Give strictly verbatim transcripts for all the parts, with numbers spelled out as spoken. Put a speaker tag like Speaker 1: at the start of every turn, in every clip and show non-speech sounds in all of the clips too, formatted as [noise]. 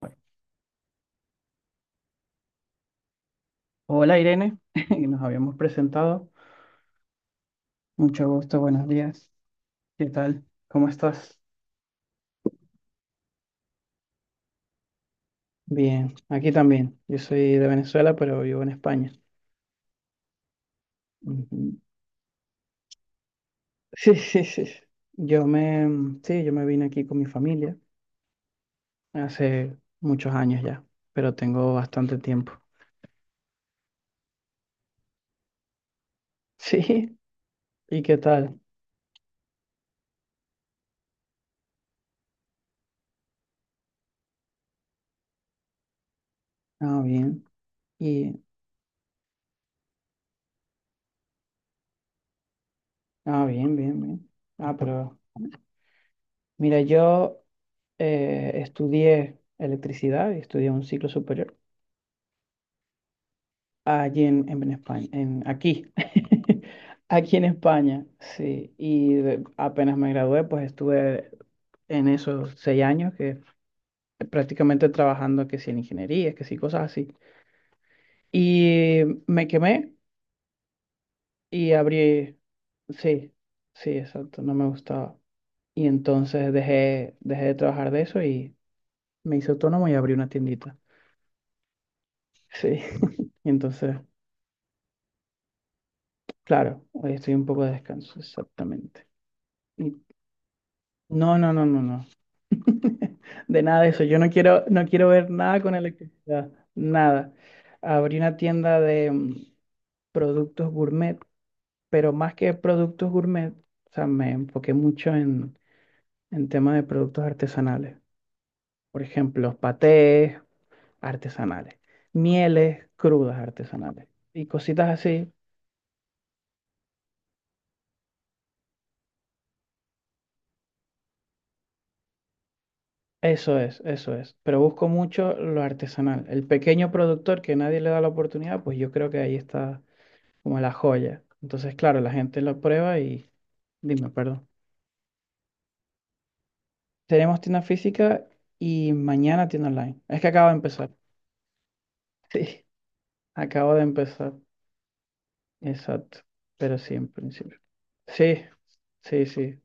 Speaker 1: Bueno, hola Irene, [laughs] nos habíamos presentado. Mucho gusto, buenos días. ¿Qué tal? ¿Cómo estás? Bien, aquí también. Yo soy de Venezuela, pero vivo en España. Ujú. Sí, sí, sí. Yo me, sí, yo me vine aquí con mi familia hace muchos años ya, pero tengo bastante tiempo. [laughs] Sí, ¿y qué tal? Ah, bien. Y, ah, bien, bien, bien. Ah, pero mira, yo eh, estudié electricidad y estudié un ciclo superior. Allí en, en España, en, aquí, [laughs] aquí en España, sí. Y de- apenas me gradué, pues estuve en esos seis años que prácticamente trabajando que si en ingeniería, que si cosas así. Y me quemé y abrí, sí, sí, exacto, no me gustaba. Y entonces dejé, dejé de trabajar de eso y me hice autónomo y abrí una tiendita. Sí, [laughs] y entonces, claro, hoy estoy un poco de descanso, exactamente. Y- no, no, no, no, no. [laughs] De nada de eso. Yo no quiero, no quiero ver nada con electricidad. Nada. Abrí una tienda de mm, productos gourmet, pero más que productos gourmet, o sea, me enfoqué mucho en, en temas de productos artesanales. Por ejemplo, patés artesanales, mieles crudas artesanales y cositas así. Eso es, eso es. Pero busco mucho lo artesanal. El pequeño productor que nadie le da la oportunidad, pues yo creo que ahí está como la joya. Entonces, claro, la gente lo prueba y dime, perdón. Tenemos tienda física y mañana tienda online. Es que acabo de empezar. [laughs] Sí, acabo de empezar. Exacto. Pero sí, en principio. Sí, sí, sí.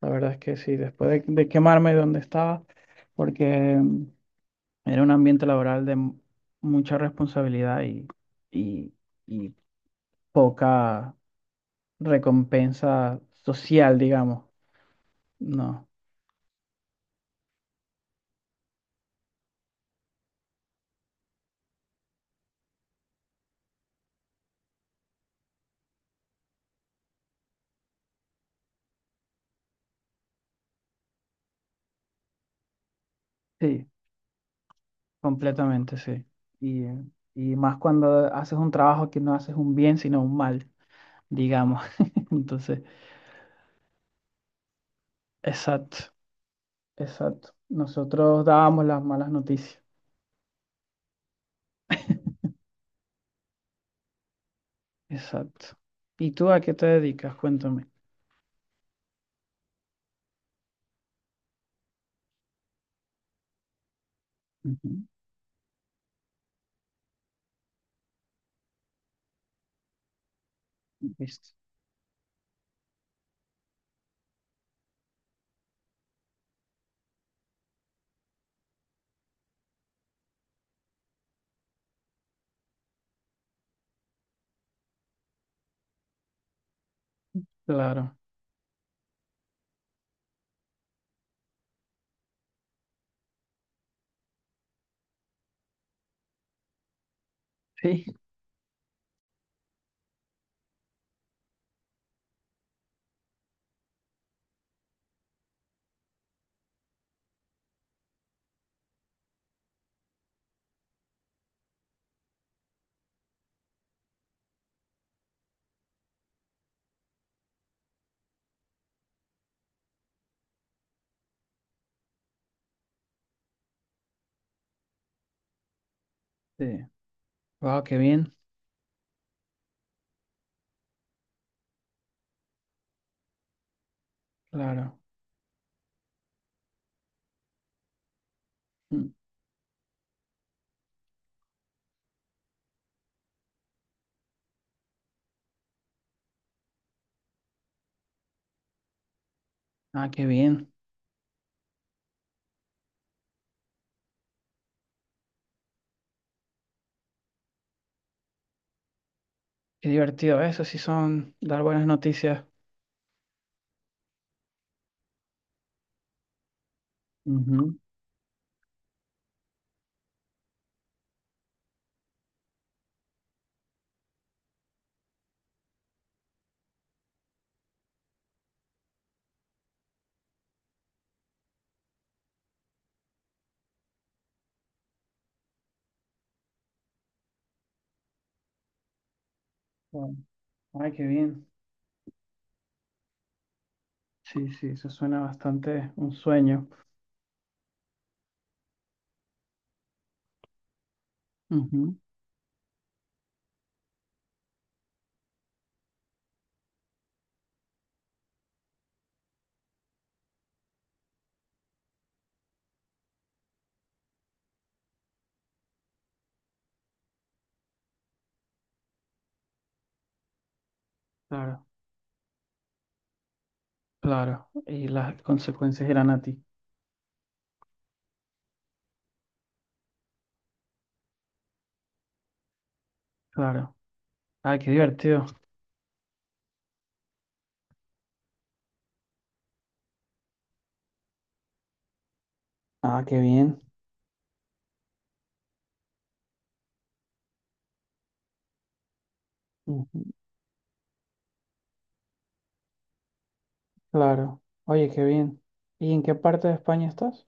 Speaker 1: La verdad es que sí. Después de, de quemarme donde estaba, porque mm, era un ambiente laboral de mu- mucha responsabilidad y, y, y poca recompensa social, digamos. No. Sí. Completamente, sí. Y, eh, y más cuando haces un trabajo que no haces un bien, sino un mal, digamos. [laughs] Entonces, exacto, exacto. Nosotros dábamos las malas noticias. Exacto. ¿Y tú a qué te dedicas? Cuéntame. Ujú. Listo. Claro. Sí. Sí. Wow, qué bien. Claro. Mm. Ah, qué bien. Qué divertido. Eso sí son dar buenas noticias. Ujú. Wow. Ay, qué bien. Sí, sí, eso suena bastante un sueño. Ujú. Claro, claro. Y las consecuencias irán a ti. Claro. Ah, qué divertido. Ah, qué bien. Ujú, claro. Oye, qué bien. ¿Y en qué parte de España estás?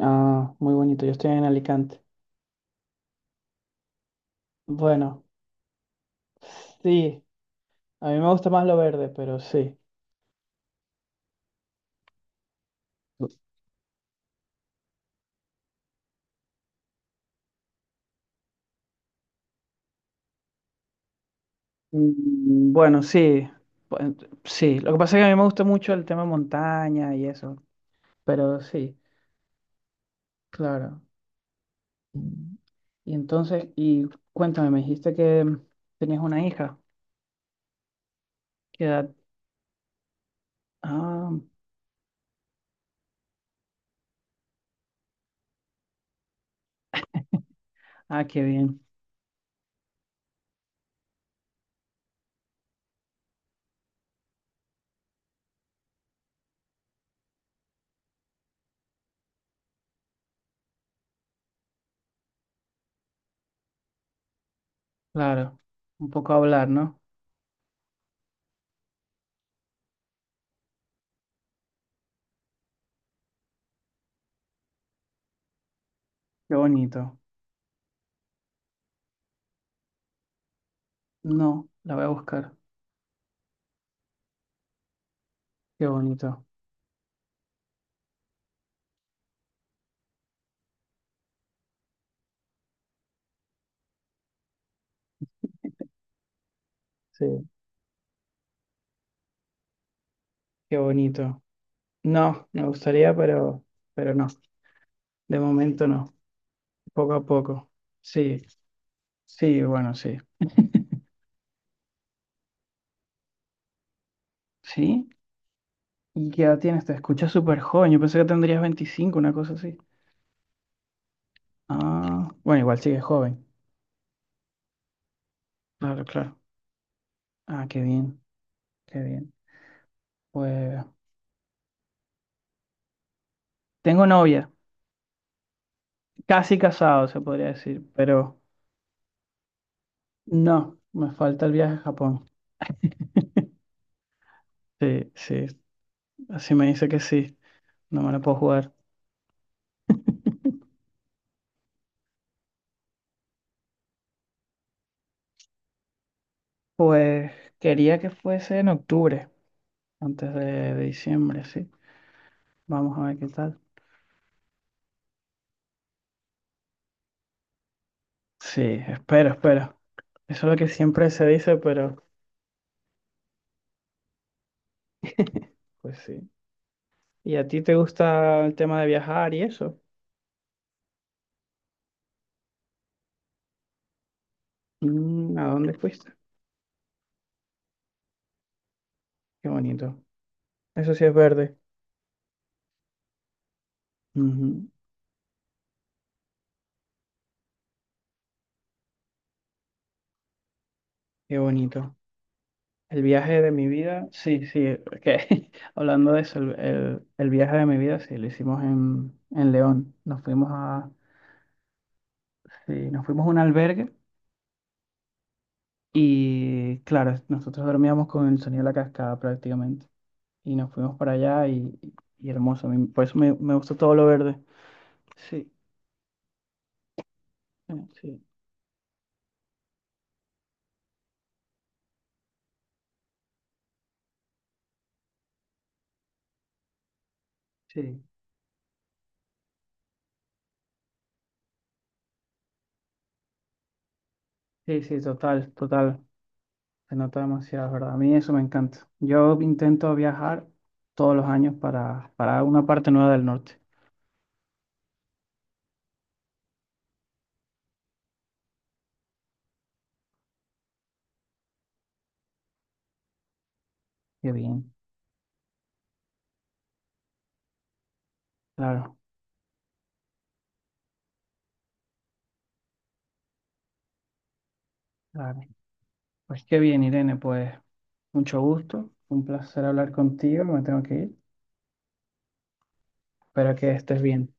Speaker 1: Ah, muy bonito. Yo estoy en Alicante. Bueno, sí. A mí me gusta más lo verde, pero sí. Mm, bueno, sí. Bueno, sí. Lo que pasa es que a mí me gusta mucho el tema montaña y eso. Pero sí, claro. Mm. Y entonces, y cuéntame, me dijiste que tenías una hija. ¿Qué edad? Ah, ah, qué bien. Claro. Un poco hablar, ¿no? Qué bonito. No, la voy a buscar. Qué bonito. Sí, qué bonito. No, me gustaría, pero, pero no. De momento no. Poco a poco. Sí, sí, bueno, sí. Sí. ¿Y qué edad tienes? Te escuchas súper joven. Yo pensé que tendrías veinticinco, una cosa así. Ah, bueno, igual sigues joven. Claro, claro. Ah, qué bien, qué bien. Pues tengo novia, casi casado, se podría decir, pero no, me falta el viaje a Japón. Sí, sí, así me dice que sí, no me lo puedo jugar. Pues quería que fuese en octubre, antes de, de diciembre, sí. Vamos a ver qué tal. Sí, espero, espero. Eso es lo que siempre se dice, pero [laughs] pues sí. ¿Y a ti te gusta el tema de viajar y eso? Mm, ¿a dónde fuiste? Qué bonito. Eso sí es verde. Ujú, qué bonito. El viaje de mi vida, sí, sí, es que [laughs] hablando de eso, el, el- el viaje de mi vida, sí, lo hicimos en, en León. Nos fuimos a, sí, nos fuimos a un albergue y, claro, nosotros dormíamos con el sonido de la cascada prácticamente. Y nos fuimos para allá y, y hermoso. A mí, por eso me, me gusta todo lo verde. Sí, eh, sí, sí, sí, sí, total, total. Se nota demasiado, ¿es verdad? A mí eso me encanta. Yo intento viajar todos los años para, para una parte nueva del norte. Qué bien. Claro, claro. Pues qué bien, Irene, pues mucho gusto, un placer hablar contigo, me tengo que ir, espero que estés bien.